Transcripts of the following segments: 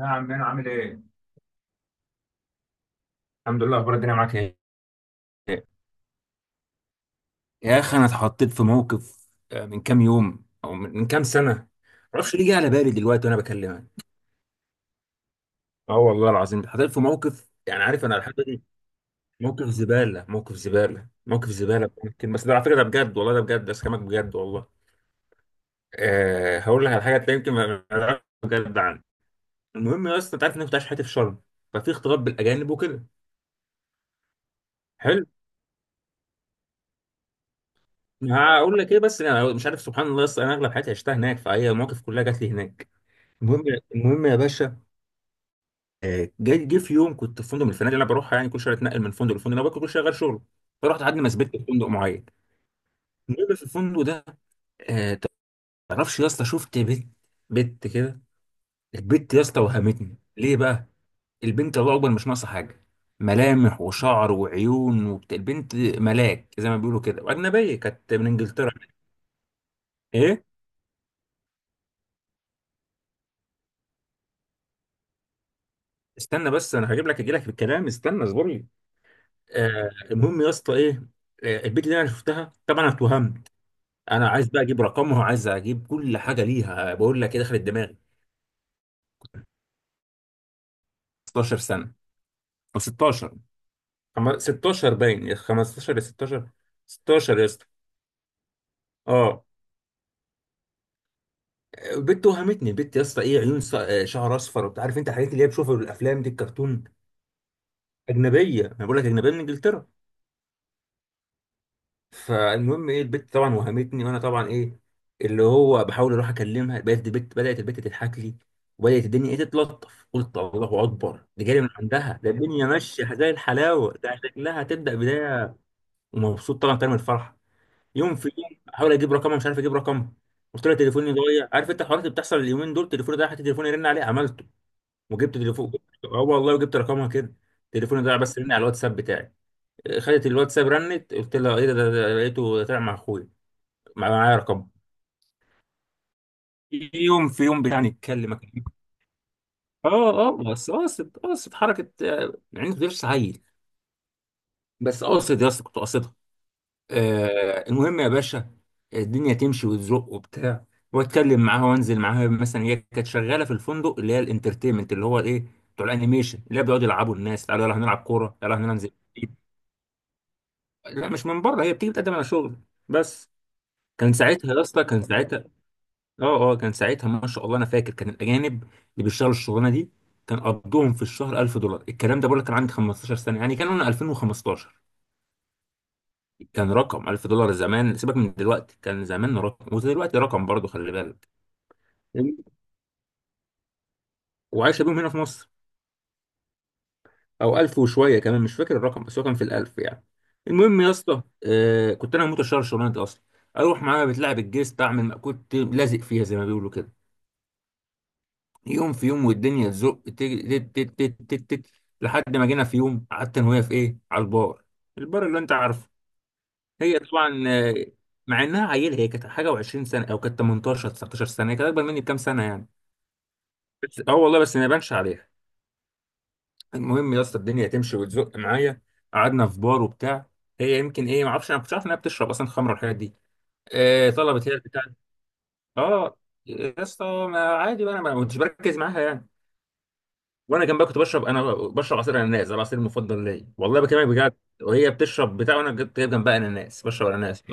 يا عمنا، عامل ايه؟ الحمد لله، اخبار الدنيا معاك ايه؟ يا اخي انا اتحطيت في موقف، من كام يوم او من كام سنه. معرفش ليه جه على بالي دلوقتي وانا بكلمك. اه والله العظيم، اتحطيت في موقف يعني عارف انا لحد دلوقتي. موقف زباله، موقف زباله، موقف زباله ممكن، بس ده على فكره ده بجد، والله ده بجد، ده كلامك بجد والله. أه، هقول لك على حاجه تلاقي يمكن ما تعرفش بجد عنها. المهم يا اسطى، انت عارف ان انا كنت عايش حياتي في شرم، ففي اختلاط بالاجانب وكده. حلو. هقول لك ايه، بس انا مش عارف، سبحان الله، اصل انا اغلب حياتي عشتها هناك، فهي المواقف كلها جات لي هناك. المهم. المهم يا باشا. جه في يوم كنت في فندق من الفنادق اللي انا بروحها، يعني كل شويه اتنقل من فندق لفندق، انا كل شويه غير شغل. فرحت لحد ما ثبت في فندق معين. المهم في الفندق ده، آه، تعرفش يا اسطى، شفت بنت، بنت كده. البنت يا اسطى وهمتني ليه بقى؟ البنت، الله اكبر، مش ناقصه حاجه، ملامح وشعر وعيون البنت ملاك زي ما بيقولوا كده، واجنبيه كانت من انجلترا. ايه. استنى بس، انا هجيب لك، اجي لك في الكلام، استنى اصبر لي. المهم يا اسطى ايه. آه، البيت اللي انا شفتها، طبعا انا اتوهمت. انا عايز بقى اجيب رقمها وعايز اجيب كل حاجه ليها. بقول لك ايه دخلت دماغي؟ 16 سنه، او 16، 16، باين يا 15 يا 16. 16 يا اسطى. اه، البت وهمتني، البت يا اسطى ايه، عيون شعر اصفر، وبتعرف انت الحاجات اللي هي بشوفها في الافلام دي الكرتون. اجنبيه، انا بقول لك اجنبيه من انجلترا. فالمهم ايه، البت طبعا وهمتني، وانا طبعا ايه، اللي هو بحاول اروح اكلمها، بقيت البت بدات البت تضحك لي، وبدات الدنيا ايه تتلطف. قلت الله اكبر، دي جايه من عندها، ده الدنيا ماشيه زي الحلاوه، ده شكلها هتبدا بدايه. ومبسوط طبعا كان من الفرحه. يوم في يوم احاول اجيب رقمها، مش عارف اجيب رقمها. قلت لها تليفوني ضايع، عارف انت الحوارات اللي بتحصل اليومين دول، تليفوني ضايع، حتى تليفوني يرن عليه عملته. وجبت تليفون. اه والله، وجبت رقمها كده. تليفوني ضايع، بس رن على الواتساب بتاعي. خدت الواتساب، رنت، قلت لها ايه ده ده ده لقيته طلع مع اخويا. معايا رقم. في يوم في يوم يعني اتكلم أكلمك. اه اه، بس قاصد، قاصد حركه، يعني غير سعيد. بس قاصد يا اسطى، كنت قاصدها. المهم يا باشا. الدنيا تمشي وتزق وبتاع. واتكلم معاها وانزل معاها، مثلا هي كانت شغاله في الفندق، اللي هي الانترتينمنت، اللي هو الايه، بتوع الانيميشن، اللي هي بيقعدوا يلعبوا الناس، تعالوا يلا هنلعب كوره، يلا هننزل. لا، مش من بره، هي بتيجي بتقدم على شغل. بس. كان ساعتها يا اسطى، كان ساعتها، اه اه، كان ساعتها، ما شاء الله، انا فاكر كان الاجانب اللي بيشتغلوا الشغلانه دي كان قبضهم في الشهر 1000 دولار. الكلام ده بقول لك كان عندي 15 سنه، يعني كان انا 2015. كان رقم 1000 دولار زمان، سيبك من دلوقتي، كان زمان رقم، ودلوقتي رقم برضه، خلي بالك. وعايشه بيهم هنا في مصر. او 1000 وشويه كمان، مش فاكر الرقم، بس هو كان في الألف يعني. المهم يا اسطى، آه، كنت انا هموت اشتغل الشغلانه دي اصلا، اروح معاها بتلعب الجيست، اعمل مأكولتي لازق فيها زي ما بيقولوا كده. يوم في يوم والدنيا تزق، تت تت تت تت تت تت. لحد ما جينا في يوم، قعدت انا وهي في ايه، على البار. البار اللي انت عارفه. هي طبعا، مع انها عيله، هي كانت حاجه و20 سنه، او كانت 18، 19 سنه، هي كانت اكبر مني بكام سنه يعني. بس اه والله، بس ما يبانش عليها. المهم يا اسطى، الدنيا تمشي وتزق معايا. قعدنا في بار وبتاع. هي يمكن ايه، ما اعرفش، انا ما كنتش عارف انها بتشرب اصلا خمره والحاجات دي. آه، طلبت هي البتاع. اه يا اسطى. ما عادي بقى، انا ما كنتش بركز معاها يعني. وانا كان بقى كنت بشرب، انا بشرب عصير اناناس، ده العصير المفضل ليا، والله بكلمك بجد. وهي بتشرب بتاع، وانا جبت جايب جنبها اناناس، بشرب اناناس.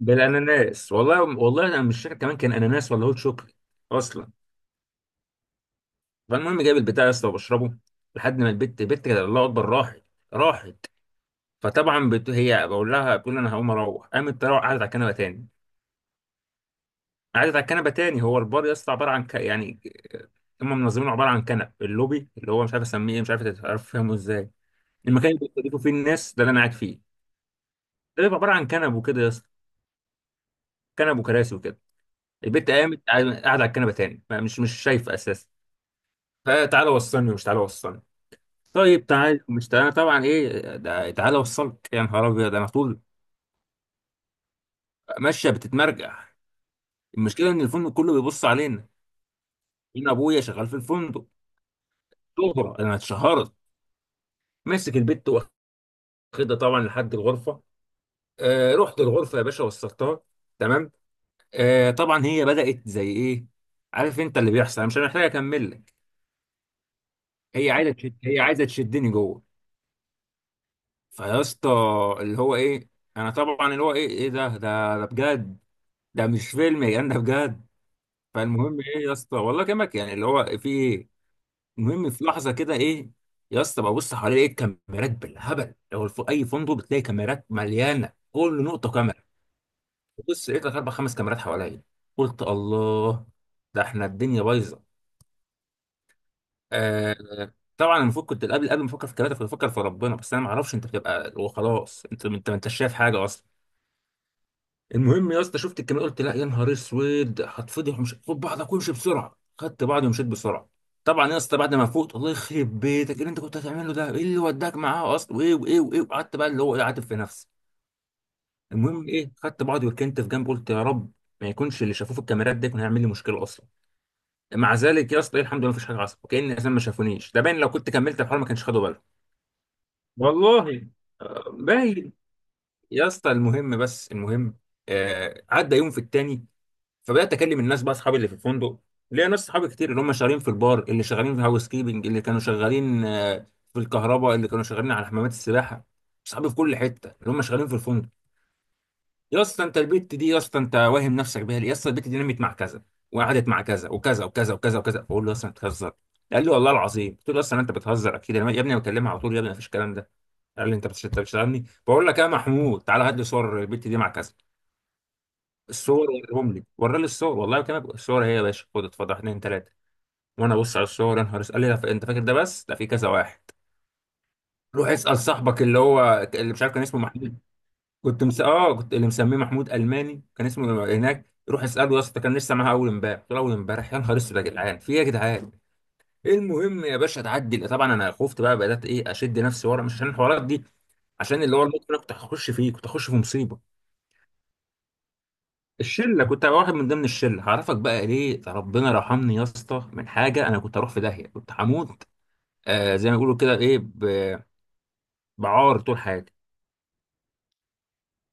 بالاناناس، والله والله، انا مش فاكر كمان كان اناناس ولا هوت شوكليت اصلا. فالمهم جايب البتاع يا اسطى وبشربه. لحد ما البت كده الله اكبر راحت. راحت. فطبعا هي بقول لها بتقول انا هقوم اروح، قامت تروح، قعدت على الكنبه تاني. قعدت على الكنبه تاني. هو البار يا اسطى عباره عن يعني هم منظمينه عباره عن كنب، اللوبي اللي هو، مش عارف اسميه إيه، مش عارف فاهمه ازاي. المكان اللي بيستضيفوا فيه الناس ده اللي انا قاعد فيه. ده بيبقى عباره عن كنب وكده يا اسطى. كنب وكراسي وكده. البت قامت قاعده على الكنبه تاني، مش شايفه اساسا. فتعالى وصلني، ومش تعالى وصلني. طيب تعالى مش تعالى، طبعا ايه ده، تعالى وصلك يا نهار ابيض. انا طول ماشيه بتتمرجح. المشكله ان الفندق كله بيبص علينا. هنا ابويا شغال في الفندق. شهره، انا اتشهرت. ماسك البت، واخدها طبعا لحد الغرفه. آه، رحت الغرفه يا باشا، وصلتها. تمام. آه، طبعا هي بدأت زي ايه، عارف انت اللي بيحصل، انا مش محتاج اكمل لك. هي عايزه تشدني جوه. فيا اسطى، اللي هو ايه، انا طبعا اللي هو ايه، ايه ده ده ده بجد. ده مش فيلم يا جدعان، ده بجد. فالمهم ايه يا اسطى، والله كلامك يعني، اللي هو في ايه. المهم في لحظه كده ايه، يا اسطى ببص حوالي ايه، الكاميرات بالهبل. لو في اي فندق بتلاقي كاميرات مليانه، كل نقطه كاميرا. بص لقيت لك اربع خمس كاميرات حواليا. قلت الله، ده احنا الدنيا بايظه. آه، طبعا المفروض كنت قبل ما افكر في الكلام ده، كنت بفكر في ربنا، بس انا ما اعرفش، انت بتبقى وخلاص، انت ما انتش شايف حاجه اصلا. المهم يا اسطى، شفت الكاميرا، قلت لا يا نهار اسود، هتفضح ومش، خد بعضك وامشي بسرعه. خدت بعضي ومشيت بسرعه. طبعا يا اسطى بعد ما فوت، الله يخرب بيتك، ايه اللي انت كنت هتعمله ده، ايه اللي وداك معاه اصلا، وايه وايه وايه. وقعدت بقى اللي هو ايه، عاتب في نفسي. المهم ايه، خدت بعضي وركنت في جنب، قلت يا رب ما يكونش اللي شافوه في الكاميرات ده يكون هيعمل لي ممثل مشكله اصلا. مع ذلك يا اسطى إيه، الحمد لله، مفيش حاجه حصلت، وكان الناس ما شافونيش. ده باين، لو كنت كملت الحوار ما كانش خدوا بالهم. والله باين. يا اسطى المهم، بس المهم، آه، عدى يوم في التاني. فبدات اكلم الناس بقى، اصحابي اللي في الفندق. ليا ناس صحابي كتير، اللي هم شغالين في البار، اللي شغالين في هاوس كيبنج، اللي كانوا شغالين آه في الكهرباء، اللي كانوا شغالين على حمامات السباحه. صحابي في كل حته اللي هم شغالين في الفندق. يا اسطى انت البت دي، يا اسطى انت واهم نفسك بيها ليه؟ يا اسطى البت دي نمت مع كذا، وقعدت مع كذا وكذا وكذا وكذا وكذا. بقول له يا اسطى انت بتهزر. قال لي والله العظيم. قلت له اصلا انت بتهزر اكيد، يا ابني أنا بكلمها على طول، يا ابني مفيش الكلام ده. قال لي انت أنت بتشتغلني. بقول لك يا محمود تعالى هات لي صور البت دي مع كذا. الصور وريهم لي، ورى لي الصور والله. كان الصور هي يا باشا، خد اتفضل، واحد اتنين تلاته. وانا ابص على الصور، يا نهار اسود. قال لي لا، انت فاكر ده بس، لا في كذا واحد. روح اسال صاحبك اللي هو، اللي مش عارف، كان اسمه محمود. كنت اه كنت اللي مسميه محمود الماني، كان اسمه هناك. روح اساله يا اسطى، كان لسه معاها اول امبارح. قلت له اول امبارح؟ يا نهار اسود يا جدعان، في ايه يا جدعان؟ المهم يا باشا، تعدي، طبعا انا خفت بقى، بدات ايه اشد نفسي ورا، مش عشان الحوارات دي، عشان اللي هو الموقف اللي انا كنت هخش فيه، كنت هخش في مصيبه. الشله، كنت هبقى واحد من ضمن الشله. هعرفك بقى ليه ربنا رحمني يا اسطى من حاجه، انا كنت هروح في داهيه، كنت هموت. آه، زي ما بيقولوا كده ايه، بعار طول حياتي.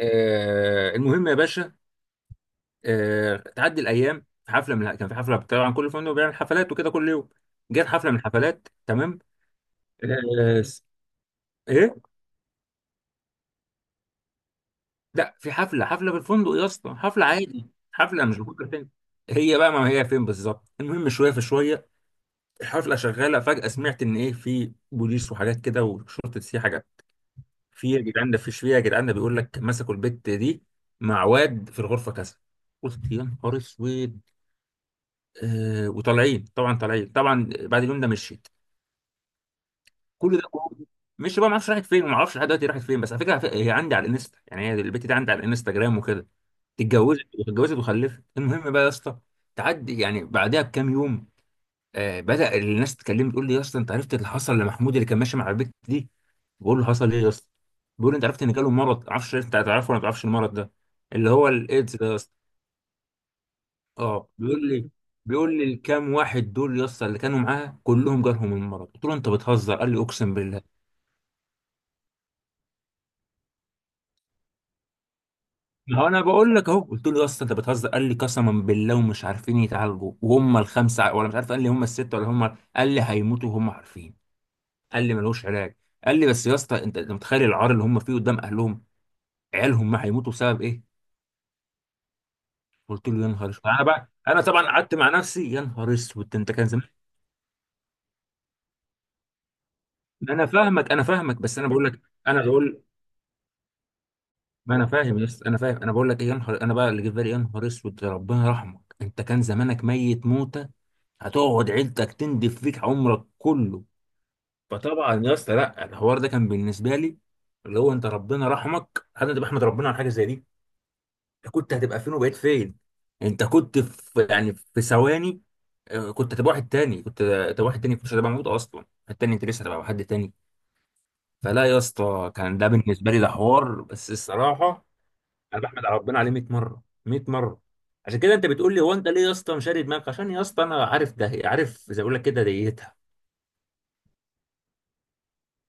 آه، المهم يا باشا. آه، تعدي الايام، في حفله، من كان في حفله طبعا، كل فندق بيعمل حفلات وكده كل يوم. جت حفله من الحفلات، تمام. آه س- ايه، لا، في حفله، في الفندق يا اسطى، حفله عادي. حفله، مش بفكر فين هي بقى، ما هي فين بالظبط، المهم شويه في شويه. الحفله شغاله، فجاه سمعت ان ايه، في بوليس وحاجات كده، وشرطه سي حاجات. في يا جدعان ده، في يا جدعان ده بيقول لك مسكوا البت دي مع واد في الغرفه كذا. قلت يا نهار اسود. آه، وطالعين طبعا، طالعين طبعا. بعد اليوم ده مشيت. كل ده جوه. مش بقى، ما اعرفش راحت فين، ما اعرفش لحد دلوقتي راحت فين، بس على فكره، هي عندي على الانستا، يعني هي البت دي عندي على الانستجرام وكده. اتجوزت واتجوزت وخلفت. المهم بقى يا اسطى، تعدي يعني بعدها بكام يوم، آه، بدأ الناس تكلمني، تقول لي يا اسطى انت عرفت اللي حصل لمحمود اللي كان ماشي مع البت دي؟ بقول له حصل ايه يا اسطى؟ بيقول لي انت عرفت ان جاله مرض، عارفش انت هتعرفه ولا ما تعرفش المرض ده، اللي هو الايدز ده يا اسطى. اه، بيقول لي الكام واحد دول يا اسطى اللي كانوا معاه كلهم جالهم المرض. قلت له انت بتهزر. قال لي اقسم بالله. ما هو انا بقول لك اهو. قلت له يا اسطى انت بتهزر. قال لي قسما بالله، ومش عارفين يتعالجوا وهم الخمسه، ولا مش عارف قال لي هم السته، ولا هم، قال لي هيموتوا وهم عارفين. قال لي ملوش علاج. قال لي بس يا اسطى، انت، متخيل العار اللي هم فيه قدام اهلهم، عيالهم؟ ما هيموتوا بسبب ايه؟ قلت له يا نهار اسود، انا بقى، انا طبعا قعدت مع نفسي، يا نهار اسود، انت كان زمان. انا فاهمك، انا فاهمك، بس انا بقول لك، انا بقول، ما انا فاهم يا اسطى، انا فاهم، انا بقول لك إيه، يا نهار، انا بقى اللي جه في بالي، يا نهار اسود، يا ربنا يرحمك، انت كان زمانك ميت موته، هتقعد عيلتك تندف فيك عمرك كله. فطبعا يا اسطى لا، الحوار ده كان بالنسبه لي اللي هو، انت ربنا رحمك، انا ده بحمد ربنا على حاجه زي دي. انت كنت هتبقى فين وبقيت فين؟ انت كنت في يعني في ثواني، آه، كنت هتبقى واحد تاني، كنت هتبقى واحد تاني، كنت هتبقى موجود اصلا التاني، انت لسه هتبقى حد تاني. فلا يا اسطى، كان ده بالنسبه لي ده حوار، بس الصراحه. انا بحمد على ربنا عليه 100 مره، 100 مره. عشان كده انت بتقول لي هو انت ليه يا اسطى مشاري دماغك، عشان يا اسطى انا عارف، ده عارف زي ما بقول لك كده ديتها.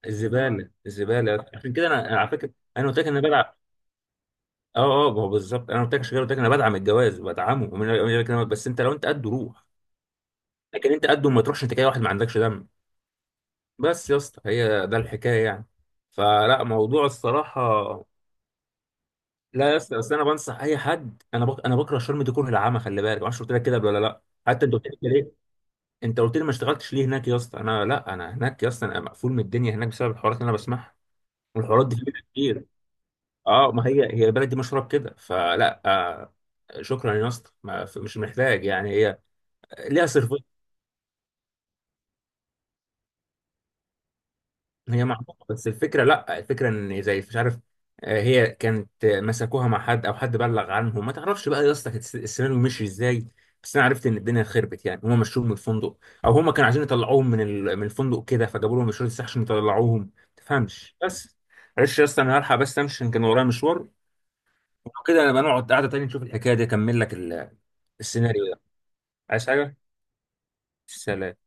الزباله، الزباله. عشان كده انا على فكره، انا قلت لك ان انا بدعم. اه اه، ما هو بالظبط، انا قلت لك عشان كده قلت لك انا بدعم الجواز بدعمه، بس انت لو انت قد روح. لكن انت قد ما تروحش، انت كده واحد ما عندكش دم. بس يا اسطى، هي ده الحكايه يعني. فلا، موضوع الصراحه. لا يا اسطى، بس انا بنصح اي حد، انا بكره شرم دي، كره العامه، خلي بالك، ما اعرفش قلت لك كده قبل ولا لا. حتى انت قلت لي كده ليه؟ انت قلت لي ما اشتغلتش ليه هناك يا اسطى؟ انا لا، انا هناك يا اسطى انا مقفول من الدنيا هناك بسبب الحوارات اللي انا بسمعها، والحوارات دي فيها كتير. اه، ما هي البلد دي مشهوره بكده، فلا آه، شكرا يا اسطى، مش محتاج يعني. هي ليها صرف. هي معروفة، بس الفكرة، لا، الفكرة ان زي مش عارف، هي كانت مسكوها مع حد او حد بلغ عنهم، ما تعرفش بقى يا اسطى، كانت السيناريو مشي ازاي. بس انا عرفت ان الدنيا خربت يعني. هم مشوهم من الفندق، او هم كانوا عايزين يطلعوهم من من الفندق كده، فجابوا لهم الشرطة عشان يطلعوهم، ما تفهمش بس. معلش يا اسطى، انا هلحق، بس امشي عشان كان ورايا مشوار، وكده نبقى نقعد قعدة تاني، نشوف الحكاية دي، اكمل لك السيناريو ده. عايز حاجة؟ سلام.